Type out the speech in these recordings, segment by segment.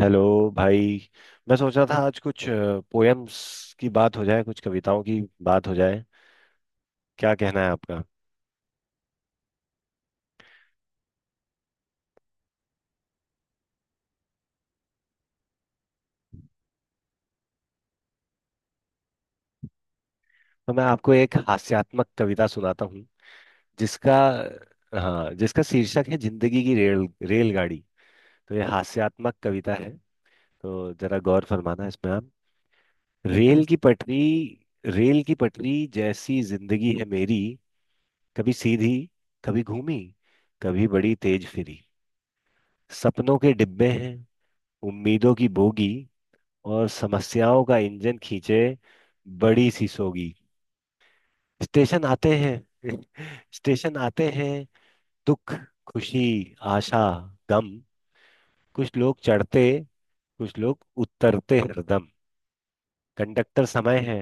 Hello भाई। मैं सोच रहा था आज कुछ पोएम्स की बात हो जाए, कुछ कविताओं की बात हो जाए। क्या कहना है आपका? तो मैं आपको एक हास्यात्मक कविता सुनाता हूँ जिसका हाँ, जिसका शीर्षक है जिंदगी की रेल रेलगाड़ी। तो ये हास्यात्मक कविता है, तो जरा गौर फरमाना इसमें आप। रेल की पटरी। रेल की पटरी जैसी जिंदगी है मेरी। कभी सीधी, कभी घूमी, कभी बड़ी तेज फिरी। सपनों के डिब्बे हैं, उम्मीदों की बोगी, और समस्याओं का इंजन खींचे बड़ी सीसोगी। स्टेशन आते हैं स्टेशन आते हैं दुख, खुशी, आशा, गम। कुछ लोग चढ़ते, कुछ लोग उतरते हरदम। कंडक्टर समय है,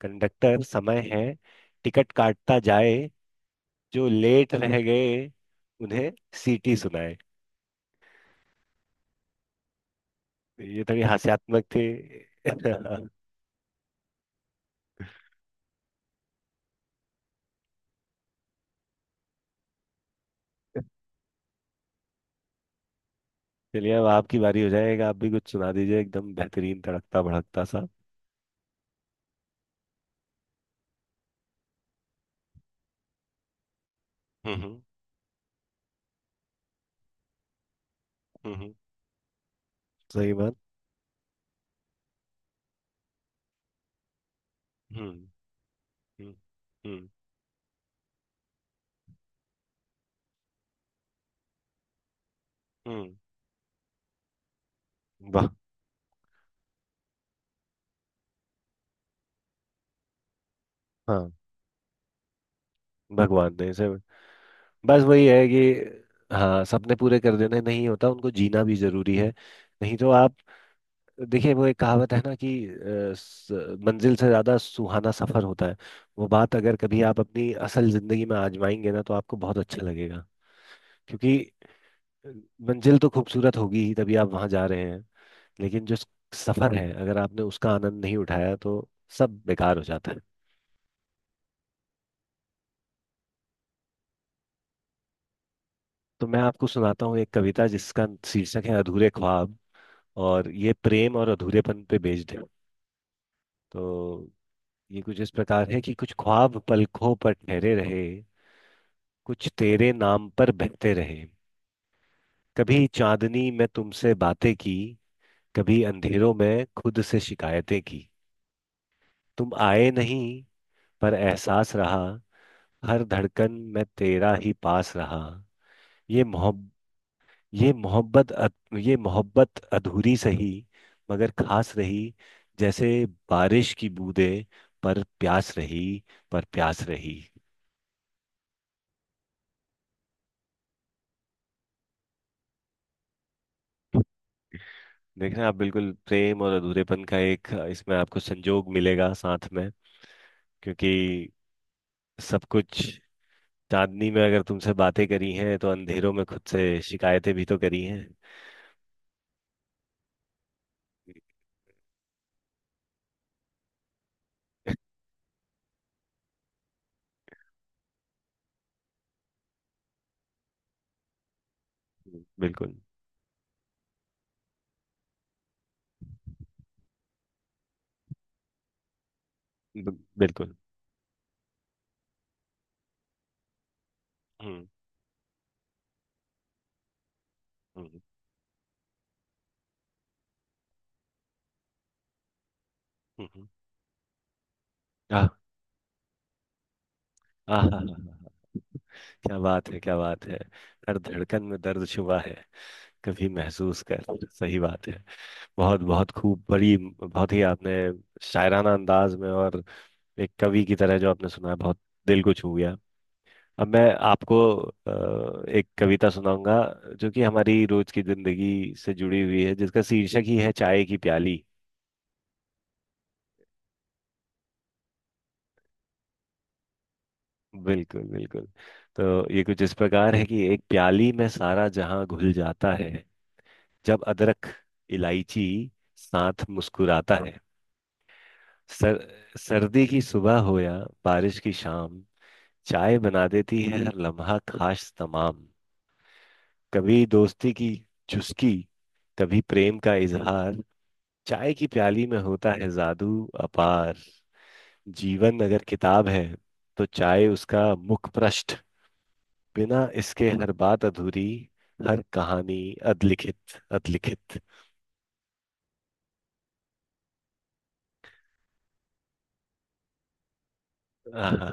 कंडक्टर समय है, टिकट काटता जाए। जो लेट रह गए उन्हें सीटी सुनाए। ये थोड़ी हास्यात्मक थी। चलिए, अब आपकी बारी हो जाएगा, आप भी कुछ सुना दीजिए एकदम बेहतरीन तड़कता भड़कता सा। हम्म, हम्म। हम्म। सही बात। हम्म, हम्म, हम्म। हम्म, वाह। हाँ, भगवान ने इसे बस वही है कि। हाँ, सपने पूरे कर देने नहीं होता, उनको जीना भी जरूरी है, नहीं तो आप देखिए, वो एक कहावत है ना कि मंजिल से ज्यादा सुहाना सफर होता है। वो बात अगर कभी आप अपनी असल जिंदगी में आजमाएंगे ना, तो आपको बहुत अच्छा लगेगा। क्योंकि अ, मंजिल तो खूबसूरत होगी ही, तभी आप वहां जा रहे हैं। लेकिन जो सफर है, अगर आपने उसका आनंद नहीं उठाया तो सब बेकार हो जाता है। तो मैं आपको सुनाता हूँ एक कविता जिसका शीर्षक है अधूरे ख्वाब, और ये प्रेम और अधूरेपन पे बेस्ड है। तो ये कुछ इस प्रकार है कि कुछ ख्वाब पलकों पर ठहरे रहे, कुछ तेरे नाम पर बहते रहे। कभी चांदनी में तुमसे बातें की, कभी अंधेरों में खुद से शिकायतें की। तुम आए नहीं पर एहसास रहा, हर धड़कन में तेरा ही पास रहा। ये मोहब्बत ये मोहब्बत अधूरी सही, मगर खास रही। जैसे बारिश की बूंदें, पर प्यास रही, पर प्यास रही। देख रहे हैं आप, बिल्कुल प्रेम और अधूरेपन का एक इसमें आपको संजोग मिलेगा साथ में। क्योंकि सब कुछ, चांदनी में अगर तुमसे बातें करी हैं तो अंधेरों में खुद से शिकायतें भी तो करी हैं। बिल्कुल। बिल्कुल। हम्म। हम्म। हम्म। आह। आह, आह। आह, क्या बात है! क्या बात है! हर धड़कन में दर्द छुपा है, कभी महसूस कर। सही बात है। बहुत बहुत खूब। बड़ी बहुत ही आपने शायराना अंदाज में और एक कवि की तरह जो आपने सुनाया, बहुत दिल को छू गया। अब मैं आपको एक कविता सुनाऊंगा जो कि हमारी रोज की जिंदगी से जुड़ी हुई है, जिसका शीर्षक ही है चाय की प्याली। बिल्कुल, बिल्कुल। तो ये कुछ इस प्रकार है कि एक प्याली में सारा जहां घुल जाता है, जब अदरक, इलायची साथ मुस्कुराता है। सर, सर्दी की सुबह हो या बारिश की शाम, चाय बना देती है हर लम्हा खास तमाम। कभी दोस्ती की चुस्की, कभी प्रेम का इजहार। चाय की प्याली में होता है जादू अपार। जीवन अगर किताब है तो चाय उसका मुख पृष्ठ। बिना इसके हर बात अधूरी, हर कहानी अधलिखित, अधलिखित। आहा।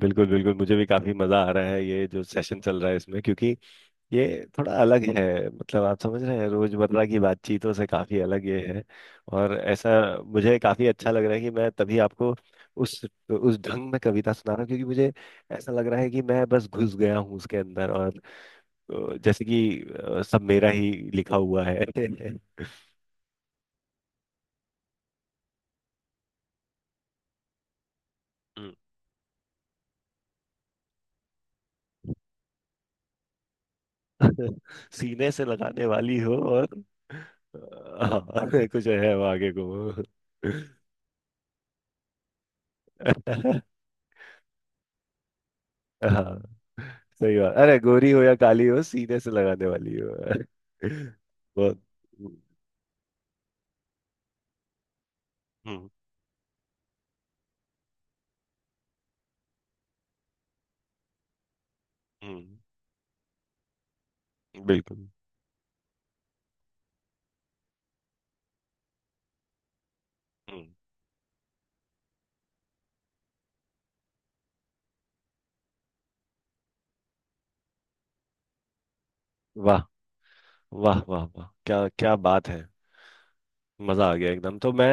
बिल्कुल, बिल्कुल, मुझे भी काफी मजा आ रहा है ये जो सेशन चल रहा है इसमें, क्योंकि ये थोड़ा अलग है। मतलब आप समझ रहे हैं, रोजमर्रा की बातचीतों से काफी अलग ये है। और ऐसा मुझे काफी अच्छा लग रहा है कि मैं तभी आपको उस उस ढंग में कविता सुना रहा हूँ, क्योंकि मुझे ऐसा लग रहा है कि मैं बस घुस गया हूँ उसके अंदर, और जैसे कि सब मेरा ही लिखा हुआ है। हम्म। सीने से लगाने वाली हो और हाँ कुछ है वो आगे को। हाँ, सही बात, अरे गोरी हो या काली हो सीने से लगाने वाली हो बहुत। हम्म, हम्म। बिल्कुल। हम्म। वाह, वाह, वाह, वाह! क्या, क्या बात है! मजा आ गया एकदम। तो मैं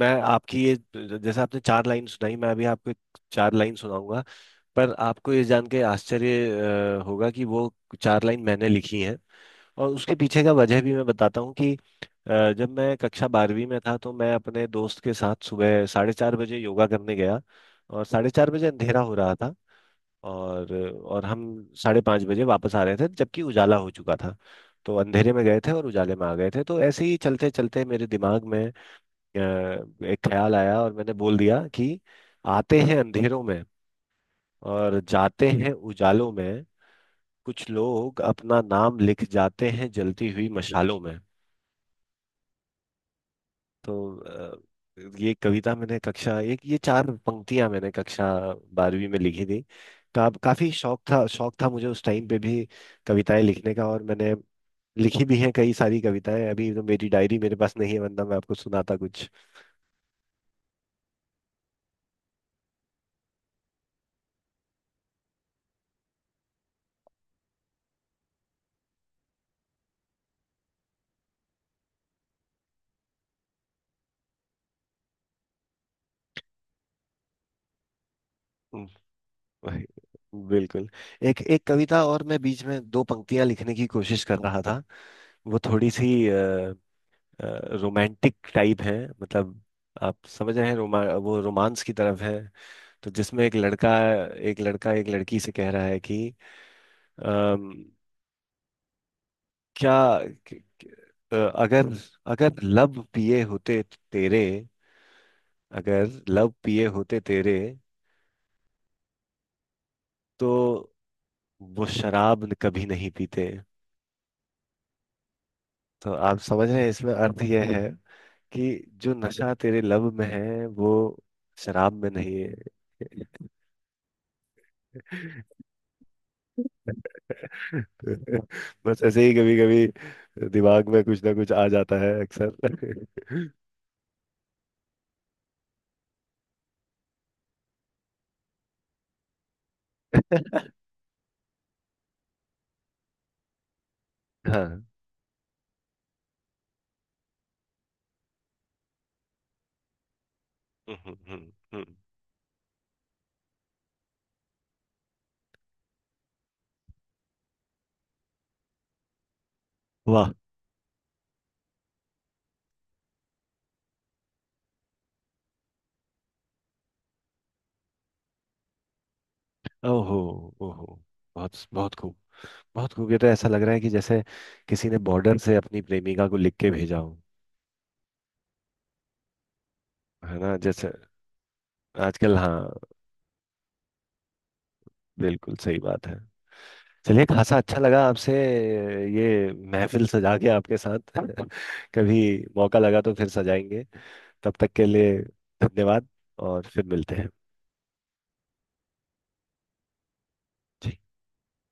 मैं आपकी ये, जैसे आपने चार लाइन सुनाई, मैं अभी आपको एक चार लाइन सुनाऊंगा। पर आपको ये जान के आश्चर्य होगा कि वो चार लाइन मैंने लिखी हैं। और उसके पीछे का वजह भी मैं बताता हूँ कि जब मैं कक्षा बारहवीं में था, तो मैं अपने दोस्त के साथ सुबह 4:30 बजे योगा करने गया, और 4:30 बजे अंधेरा हो रहा था। और और हम 5:30 बजे वापस आ रहे थे, जबकि उजाला हो चुका था। तो अंधेरे में गए थे और उजाले में आ गए थे, तो ऐसे ही चलते चलते मेरे दिमाग में एक ख्याल आया और मैंने बोल दिया कि आते हैं अंधेरों में और जाते हैं उजालों में, कुछ लोग अपना नाम लिख जाते हैं जलती हुई मशालों में। तो ये कविता मैंने कक्षा एक ये चार पंक्तियां मैंने कक्षा 12वीं में लिखी थी। काफी शौक था, शौक था मुझे उस टाइम पे भी कविताएं लिखने का, और मैंने लिखी भी हैं कई सारी कविताएं। अभी तो मेरी डायरी मेरे पास नहीं है, वरना मैं आपको सुनाता कुछ। हम्म, वही, बिल्कुल। एक एक कविता और मैं बीच में दो पंक्तियां लिखने की कोशिश कर रहा था। वो थोड़ी सी रोमांटिक टाइप है, मतलब आप समझ रहे हैं, रोमा वो रोमांस की तरफ है। तो जिसमें एक लड़का एक लड़की से कह रहा है कि अम, क्या क- क- अ, अगर अगर लब पिए होते तेरे। अगर लब पिए होते तेरे, तो वो शराब कभी नहीं पीते। तो आप समझ रहे हैं, इसमें अर्थ यह है कि जो नशा तेरे लब में है वो शराब में नहीं है। बस ऐसे ही कभी कभी दिमाग में कुछ ना कुछ आ जाता है अक्सर। हाँ। हम्म, हम्म, हम्म। वाह। ओहो, ओहो। बहुत बहुत खूब, बहुत खूब। ये तो ऐसा लग रहा है कि जैसे किसी ने बॉर्डर से अपनी प्रेमिका को लिख के भेजा हो। है ना जैसे। आजकल, हाँ। बिल्कुल सही बात है। चलिए, खासा अच्छा लगा आपसे ये महफिल सजा के आपके साथ कभी मौका लगा तो फिर सजाएंगे। तब तक के लिए, धन्यवाद और फिर मिलते हैं।